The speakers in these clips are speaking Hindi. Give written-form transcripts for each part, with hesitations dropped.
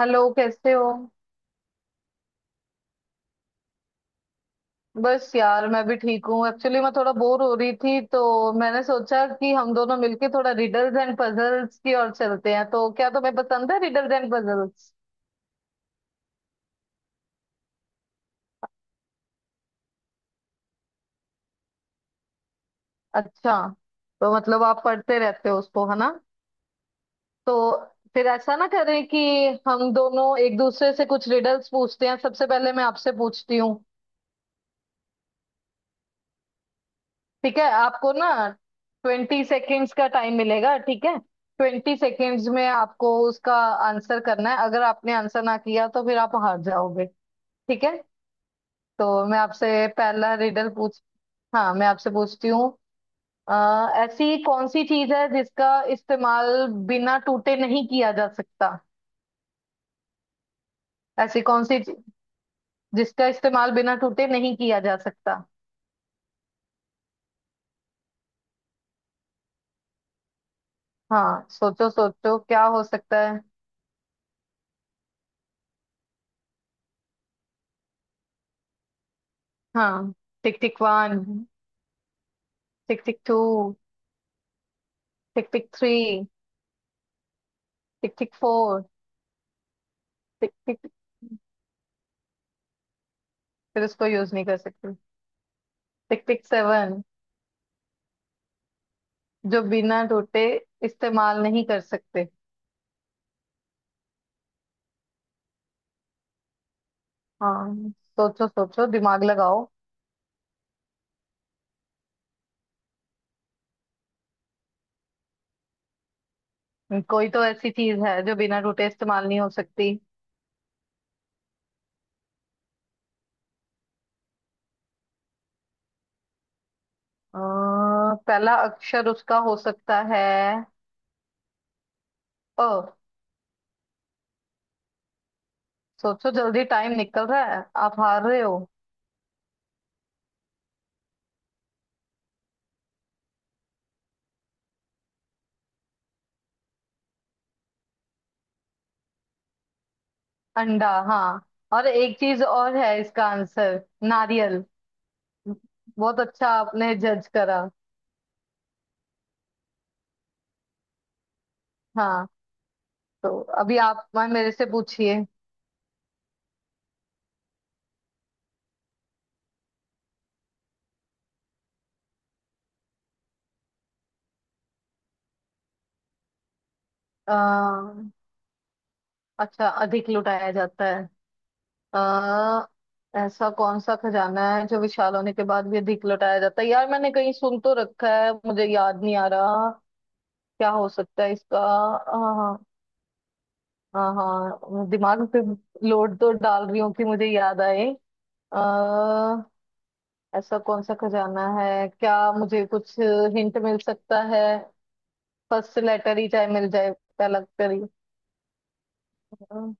हेलो, कैसे हो। बस यार, मैं भी ठीक हूँ। एक्चुअली मैं थोड़ा बोर हो रही थी तो मैंने सोचा कि हम दोनों मिलके थोड़ा रिडल्स एंड पजल्स की ओर चलते हैं। तो क्या तुम्हें पसंद है रिडल्स एंड पजल्स? अच्छा। तो मतलब आप पढ़ते रहते हो उसको, है ना? तो फिर ऐसा ना करें कि हम दोनों एक दूसरे से कुछ रिडल्स पूछते हैं। सबसे पहले मैं आपसे पूछती हूँ। ठीक है, आपको ना 20 सेकेंड्स का टाइम मिलेगा, ठीक है? 20 सेकेंड्स में आपको उसका आंसर करना है। अगर आपने आंसर ना किया तो फिर आप हार जाओगे, ठीक है? तो मैं आपसे पहला रिडल पूछ हाँ, मैं आपसे पूछती हूँ। अ, ऐसी कौन सी चीज है जिसका इस्तेमाल बिना टूटे नहीं किया जा सकता? ऐसी कौन सी चीज- जिसका इस्तेमाल बिना टूटे नहीं किया जा सकता। हाँ, सोचो सोचो, क्या हो सकता है? हाँ। Tick tick one. Tick tick two. Tick tick three. Tick tick four. Tick tick. फिर उसको यूज नहीं कर सकते। टिक टिक सेवन। जो बिना टूटे इस्तेमाल नहीं कर सकते। हाँ, सोचो सोचो, दिमाग लगाओ। कोई तो ऐसी चीज है जो बिना टूटे इस्तेमाल नहीं हो सकती। अ, पहला अक्षर उसका हो सकता है, अ। सोचो जल्दी, टाइम निकल रहा है, आप हार रहे हो। अंडा, हाँ। और एक चीज और है, इसका आंसर नारियल। बहुत अच्छा, आपने जज करा। हाँ, तो अभी आप मैं मेरे से पूछिए। अ, अच्छा, अधिक लुटाया जाता है। अ, ऐसा कौन सा खजाना है जो विशाल होने के बाद भी अधिक लुटाया जाता है? यार, मैंने कहीं सुन तो रखा है, मुझे याद नहीं आ रहा। क्या हो सकता है इसका? हाँ हाँ हाँ, दिमाग पे लोड तो डाल रही हूँ कि मुझे याद आए। आ, ऐसा कौन सा खजाना है? क्या मुझे कुछ हिंट मिल सकता है, फर्स्ट लेटर ही चाहे मिल जाए। पहला अक्षर ही। अ,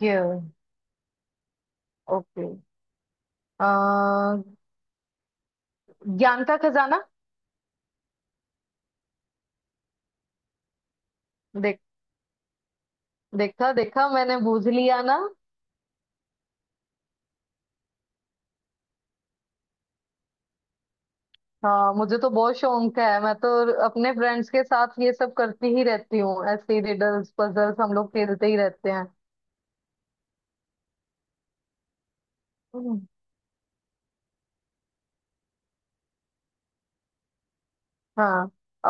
ये, ओके। अ, ज्ञान का खजाना। देख देखा देखा, मैंने बूझ लिया ना। हाँ, मुझे तो बहुत शौक है। मैं तो अपने फ्रेंड्स के साथ ये सब करती ही रहती हूँ, ऐसे रिडल्स पजल्स हम लोग खेलते ही रहते हैं। हम्म। हाँ। अ,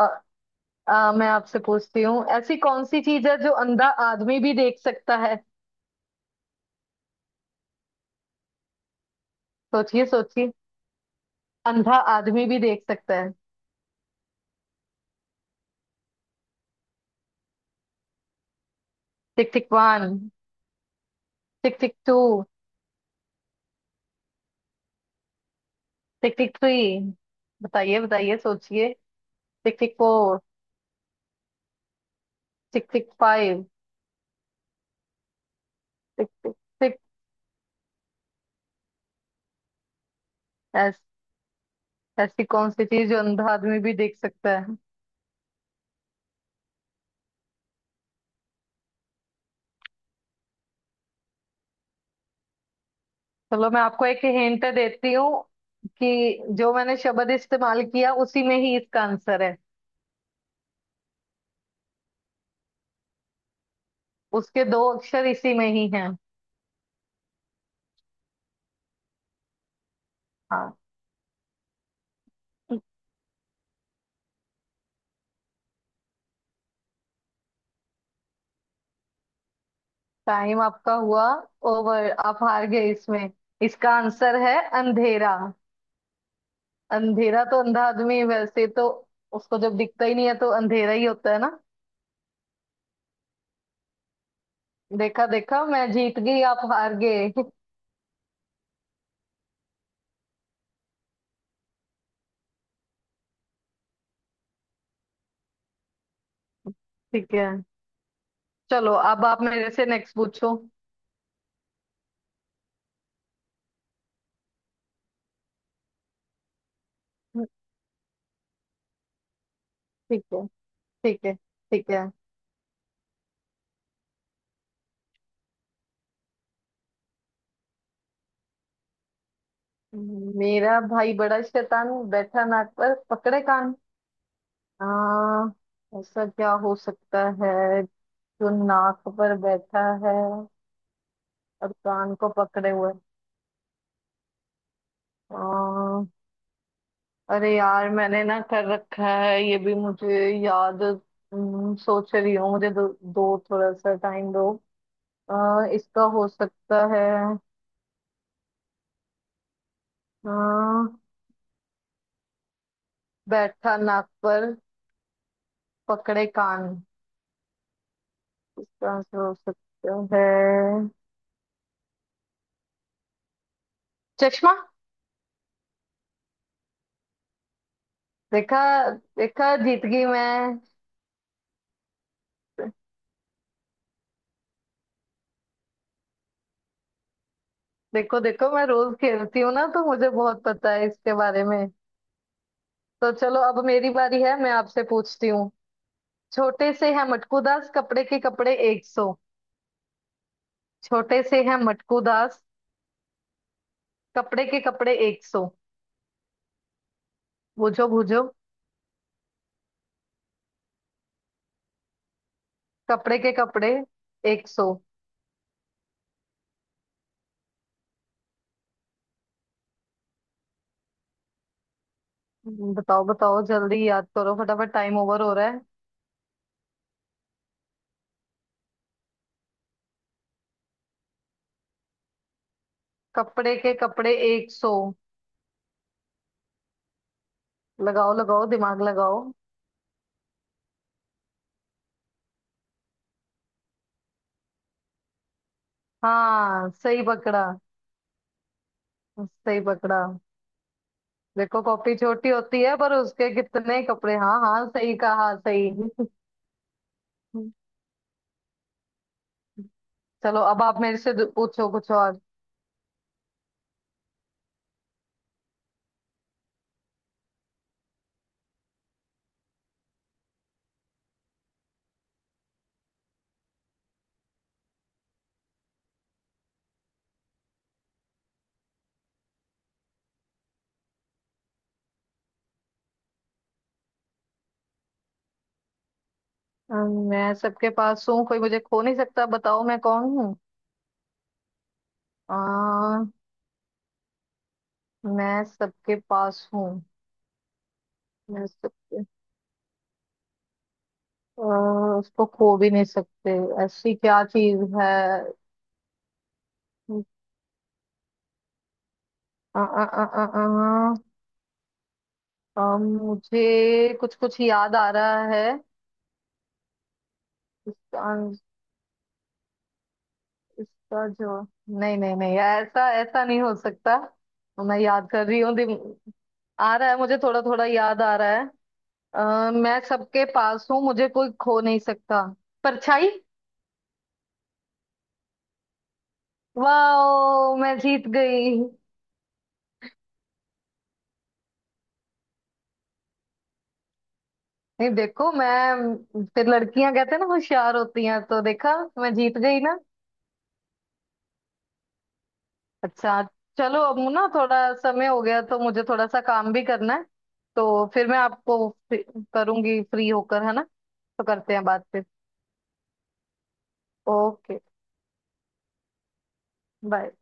मैं आपसे पूछती हूँ, ऐसी कौन सी चीज है जो अंधा आदमी भी देख सकता है? सोचिए सोचिए, अंधा आदमी भी देख सकता है। Tick tick one. Tick tick two. Tick tick three. बताइए बताइए, सोचिए। Tick tick four. Tick tick five. Tick tick tick. ऐस, ऐसी कौन सी चीज जो अंधा आदमी भी देख सकता है? चलो, मैं आपको एक हिंट देती हूँ कि जो मैंने शब्द इस्तेमाल किया उसी में ही इसका आंसर है। उसके दो अक्षर इसी में ही हैं। हाँ। टाइम आपका हुआ ओवर, आप हार गए इसमें। इसका आंसर है अंधेरा। अंधेरा तो अंधा आदमी है, वैसे तो। उसको जब दिखता ही नहीं है तो अंधेरा ही होता है ना। देखा देखा, मैं जीत गई, आप हार गए। ठीक है। चलो, अब आप मेरे से नेक्स्ट पूछो। ठीक है, ठीक है, ठीक है। मेरा भाई बड़ा शैतान, बैठा नाक पर पकड़े कान। आ, ऐसा क्या हो सकता है जो नाक पर बैठा है और कान को पकड़े हुए? आ, अरे यार, मैंने ना कर रखा है, ये भी मुझे याद। सोच रही हूँ, मुझे दो थोड़ा सा टाइम दो। इसका हो सकता है। आ, बैठा नाक पर पकड़े कान। इसका आंसर हो सकता है, चश्मा। देखा देखा, जीत गई मैं। देखो देखो, मैं रोज खेलती हूँ ना, तो मुझे बहुत पता है इसके बारे में। तो चलो, अब मेरी बारी है, मैं आपसे पूछती हूँ। छोटे से है मटकू दास, कपड़े के कपड़े 100। छोटे से है मटकू दास, कपड़े के कपड़े एक सौ। बूझो बूझो। कपड़े के कपड़े एक सौ। बताओ बताओ, जल्दी याद करो फटाफट, टाइम ओवर हो रहा है। कपड़े के कपड़े एक सौ। लगाओ लगाओ, दिमाग लगाओ। हाँ, सही पकड़ा, सही पकड़ा। देखो, कॉपी छोटी होती है पर उसके कितने कपड़े। हाँ हाँ, सही कहा, सही। चलो, अब आप मेरे से पूछो कुछ और। मैं सबके पास हूँ, कोई मुझे खो नहीं सकता, बताओ मैं कौन हूँ? आ, मैं सबके पास हूँ। मैं सबके उसको खो भी नहीं सकते। ऐसी क्या चीज है? आ, आ, आ, आ, आ, अम, मुझे कुछ कुछ याद आ रहा है। इसका इसका जो नहीं नहीं नहीं, ऐसा ऐसा नहीं हो सकता। मैं याद कर रही हूँ, आ रहा है, मुझे थोड़ा थोड़ा याद आ रहा है। मैं सबके पास हूँ, मुझे कोई खो नहीं सकता। परछाई। वाह, मैं जीत गई। नहीं, देखो, मैं फिर लड़कियां कहते हैं ना होशियार होती हैं, तो देखा। मैं जीत गई। अच्छा। चलो, अब ना थोड़ा समय हो गया तो मुझे थोड़ा सा काम भी करना है। तो फिर मैं आपको करूंगी, फ्री होकर, है ना? तो करते हैं बात फिर। Okay, bye.